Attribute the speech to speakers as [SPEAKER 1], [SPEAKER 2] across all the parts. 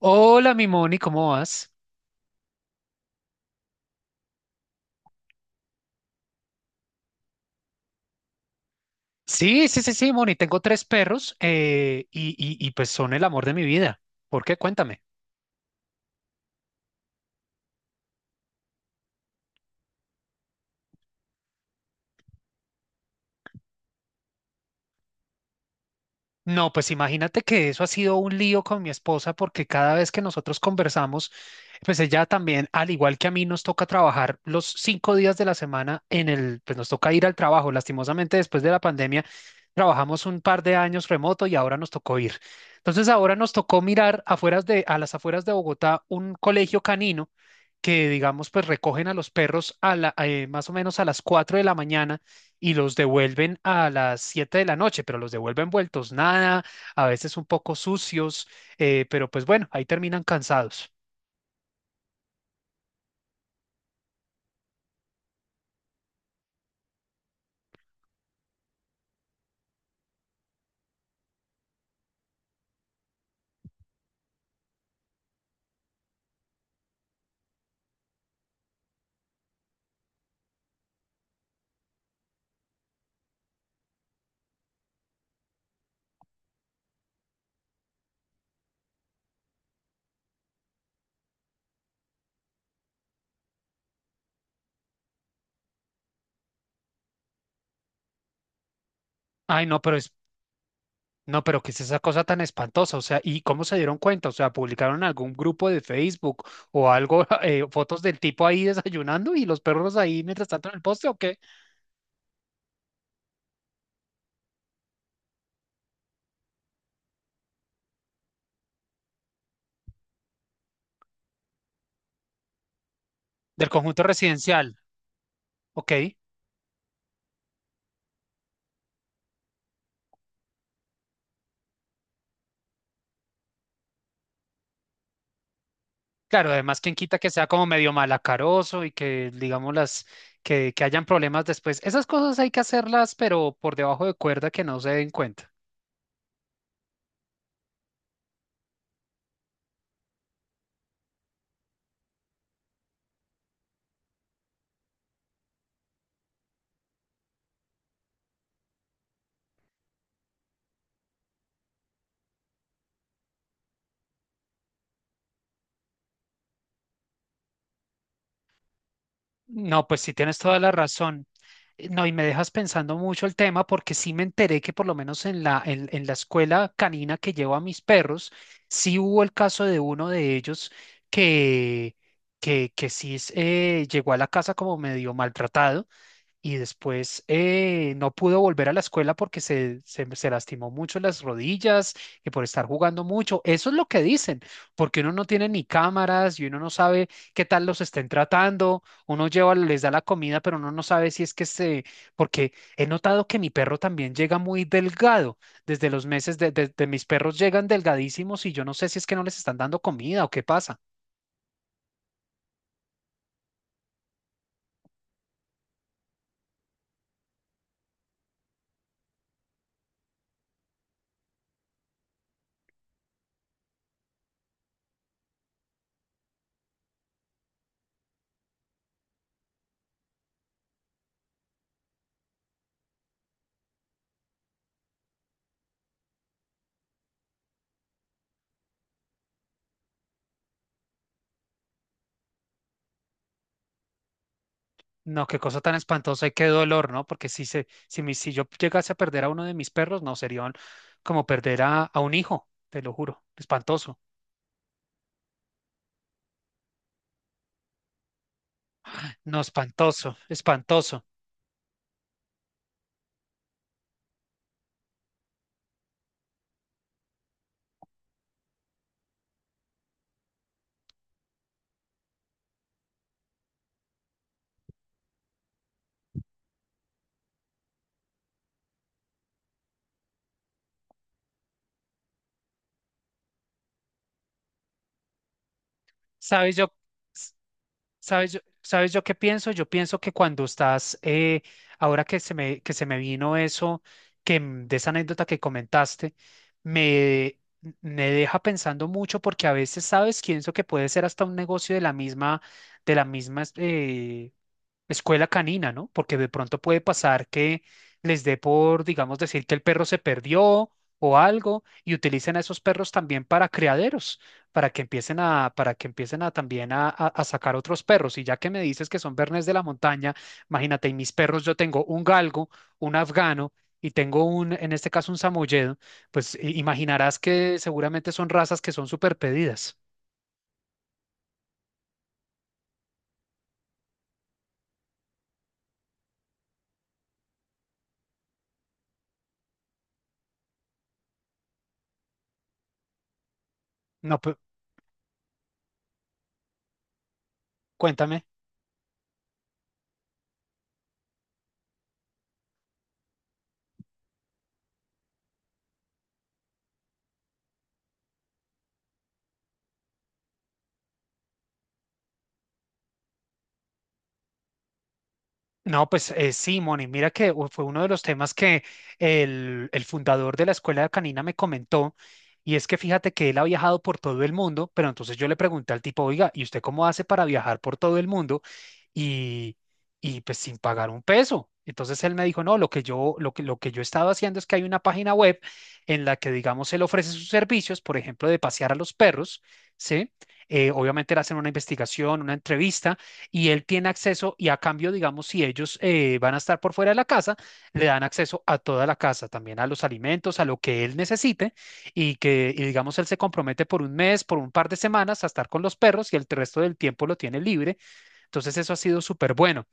[SPEAKER 1] Hola, mi Moni, ¿cómo vas? Sí, sí, sí, sí, Moni, tengo tres perros y pues son el amor de mi vida. ¿Por qué? Cuéntame. No, pues imagínate que eso ha sido un lío con mi esposa porque cada vez que nosotros conversamos, pues ella también, al igual que a mí, nos toca trabajar los 5 días de la semana pues nos toca ir al trabajo. Lastimosamente, después de la pandemia, trabajamos un par de años remoto y ahora nos tocó ir. Entonces, ahora nos tocó mirar a las afueras de Bogotá un colegio canino que, digamos, pues recogen a los perros más o menos a las 4 de la mañana y los devuelven a las 7 de la noche, pero los devuelven vueltos nada, a veces un poco sucios, pero pues bueno, ahí terminan cansados. Ay, no, pero es, no, pero ¿qué es esa cosa tan espantosa? O sea, ¿y cómo se dieron cuenta? O sea, ¿publicaron en algún grupo de Facebook o algo, fotos del tipo ahí desayunando y los perros ahí mientras tanto en el poste o qué? Del conjunto residencial, ¿ok? Claro, además, quien quita que sea como medio malacaroso y que, que hayan problemas después. Esas cosas hay que hacerlas, pero por debajo de cuerda que no se den cuenta. No, pues sí tienes toda la razón. No, y me dejas pensando mucho el tema porque sí me enteré que por lo menos en la escuela canina que llevo a mis perros, sí hubo el caso de uno de ellos que, que sí es, llegó a la casa como medio maltratado y después no pudo volver a la escuela porque se lastimó mucho las rodillas y por estar jugando mucho. Eso es lo que dicen, porque uno no tiene ni cámaras y uno no sabe qué tal los estén tratando. Uno lleva, les da la comida, pero uno no sabe si es que se... Porque he notado que mi perro también llega muy delgado. Desde los meses de mis perros llegan delgadísimos y yo no sé si es que no les están dando comida o qué pasa. No, qué cosa tan espantosa y qué dolor, ¿no? Porque si, se, si, mi- si yo llegase a perder a uno de mis perros, no, sería un- como perder a un hijo, te lo juro. Espantoso. No, espantoso, espantoso. ¿Sabes yo, s- ¿sabes yo qué pienso? Yo pienso que cuando estás, ahora que que se me vino eso, de esa anécdota que comentaste, me, me deja pensando mucho porque a veces, ¿sabes? Pienso que puede ser hasta un negocio de la misma, escuela canina, ¿no? Porque de pronto puede pasar que les dé por, digamos, decir que el perro se perdió o algo y utilicen a esos perros también para criaderos, para que empiecen a también a sacar otros perros. Y ya que me dices que son bernés de la montaña, imagínate, y mis perros, yo tengo un galgo, un afgano. Y tengo un, en este caso, un samoyedo, pues i- imaginarás que seguramente son razas que son súper pedidas. No, pues, cuéntame. No, pues sí, Moni, mira que u- fue uno de los temas que el fundador de la escuela canina me comentó, y es que fíjate que él ha viajado por todo el mundo, pero entonces yo le pregunté al tipo, oiga, ¿y usted cómo hace para viajar por todo el mundo y, y pues sin pagar un peso? Entonces él me dijo, no, lo que yo he estado haciendo es que hay una página web en la que, digamos, él ofrece sus servicios, por ejemplo, de pasear a los perros, ¿sí? Obviamente le hacen una investigación, una entrevista y él tiene acceso y a cambio, digamos, si ellos van a estar por fuera de la casa, le dan acceso a toda la casa, también a los alimentos, a lo que él necesite y digamos, él se compromete por un mes, por un par de semanas a estar con los perros y el resto del tiempo lo tiene libre. Entonces eso ha sido súper bueno.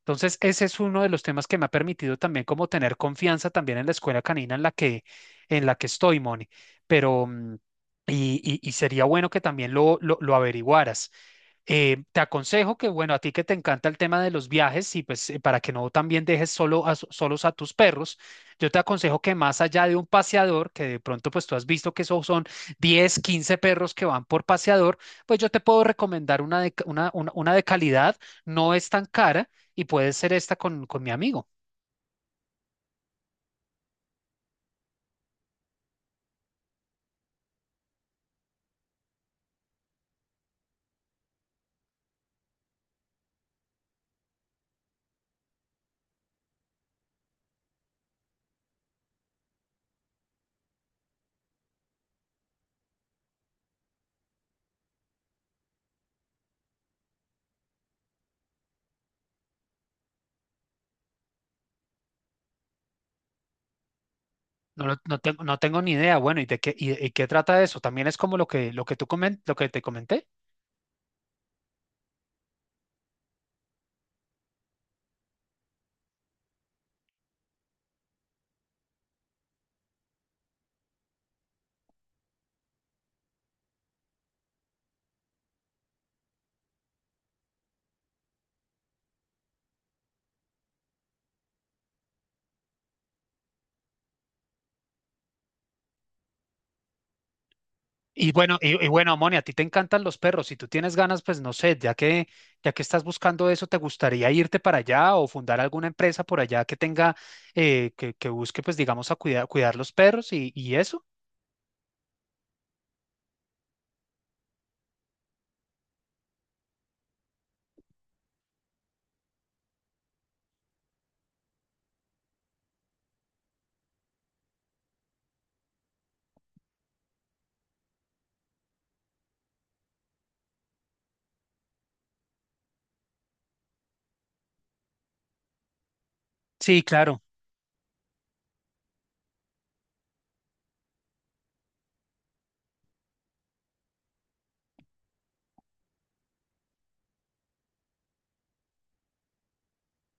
[SPEAKER 1] Entonces ese es uno de los temas que me ha permitido también como tener confianza también en la escuela canina en la que estoy, Moni. Pero... y sería bueno que también lo averiguaras. Te aconsejo que, bueno, a ti que te encanta el tema de los viajes y pues para que no también dejes solos a tus perros, yo te aconsejo que más allá de un paseador, que de pronto pues tú has visto que esos son 10 15 perros que van por paseador, pues yo te puedo recomendar una de, ca- una de calidad, no es tan cara y puede ser esta con mi amigo. No tengo ni idea, bueno, ¿y de qué, y qué trata eso? También es como lo que tú comen, lo que te comenté. Y bueno, y bueno, Moni, a ti te encantan los perros. Si tú tienes ganas, pues no sé, ya que estás buscando eso, ¿te gustaría irte para allá o fundar alguna empresa por allá que tenga, que busque, pues digamos, a cuidar los perros y eso? Sí, claro.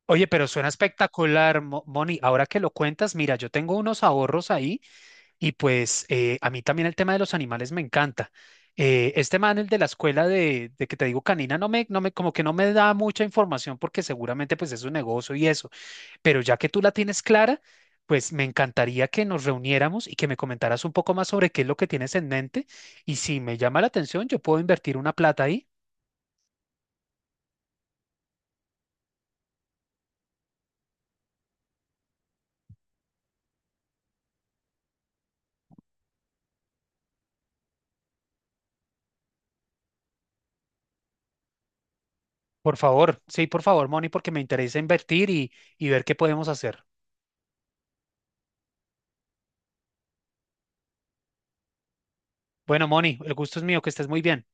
[SPEAKER 1] Oye, pero suena espectacular, Mo- Moni. Ahora que lo cuentas, mira, yo tengo unos ahorros ahí y pues a mí también el tema de los animales me encanta. Este man, el de la escuela de que te digo canina, como que no me da mucha información porque seguramente pues es un negocio y eso. Pero ya que tú la tienes clara, pues me encantaría que nos reuniéramos y que me comentaras un poco más sobre qué es lo que tienes en mente. Y si me llama la atención, yo puedo invertir una plata ahí. Por favor, sí, por favor, Moni, porque me interesa invertir y ver qué podemos hacer. Bueno, Moni, el gusto es mío, que estés muy bien.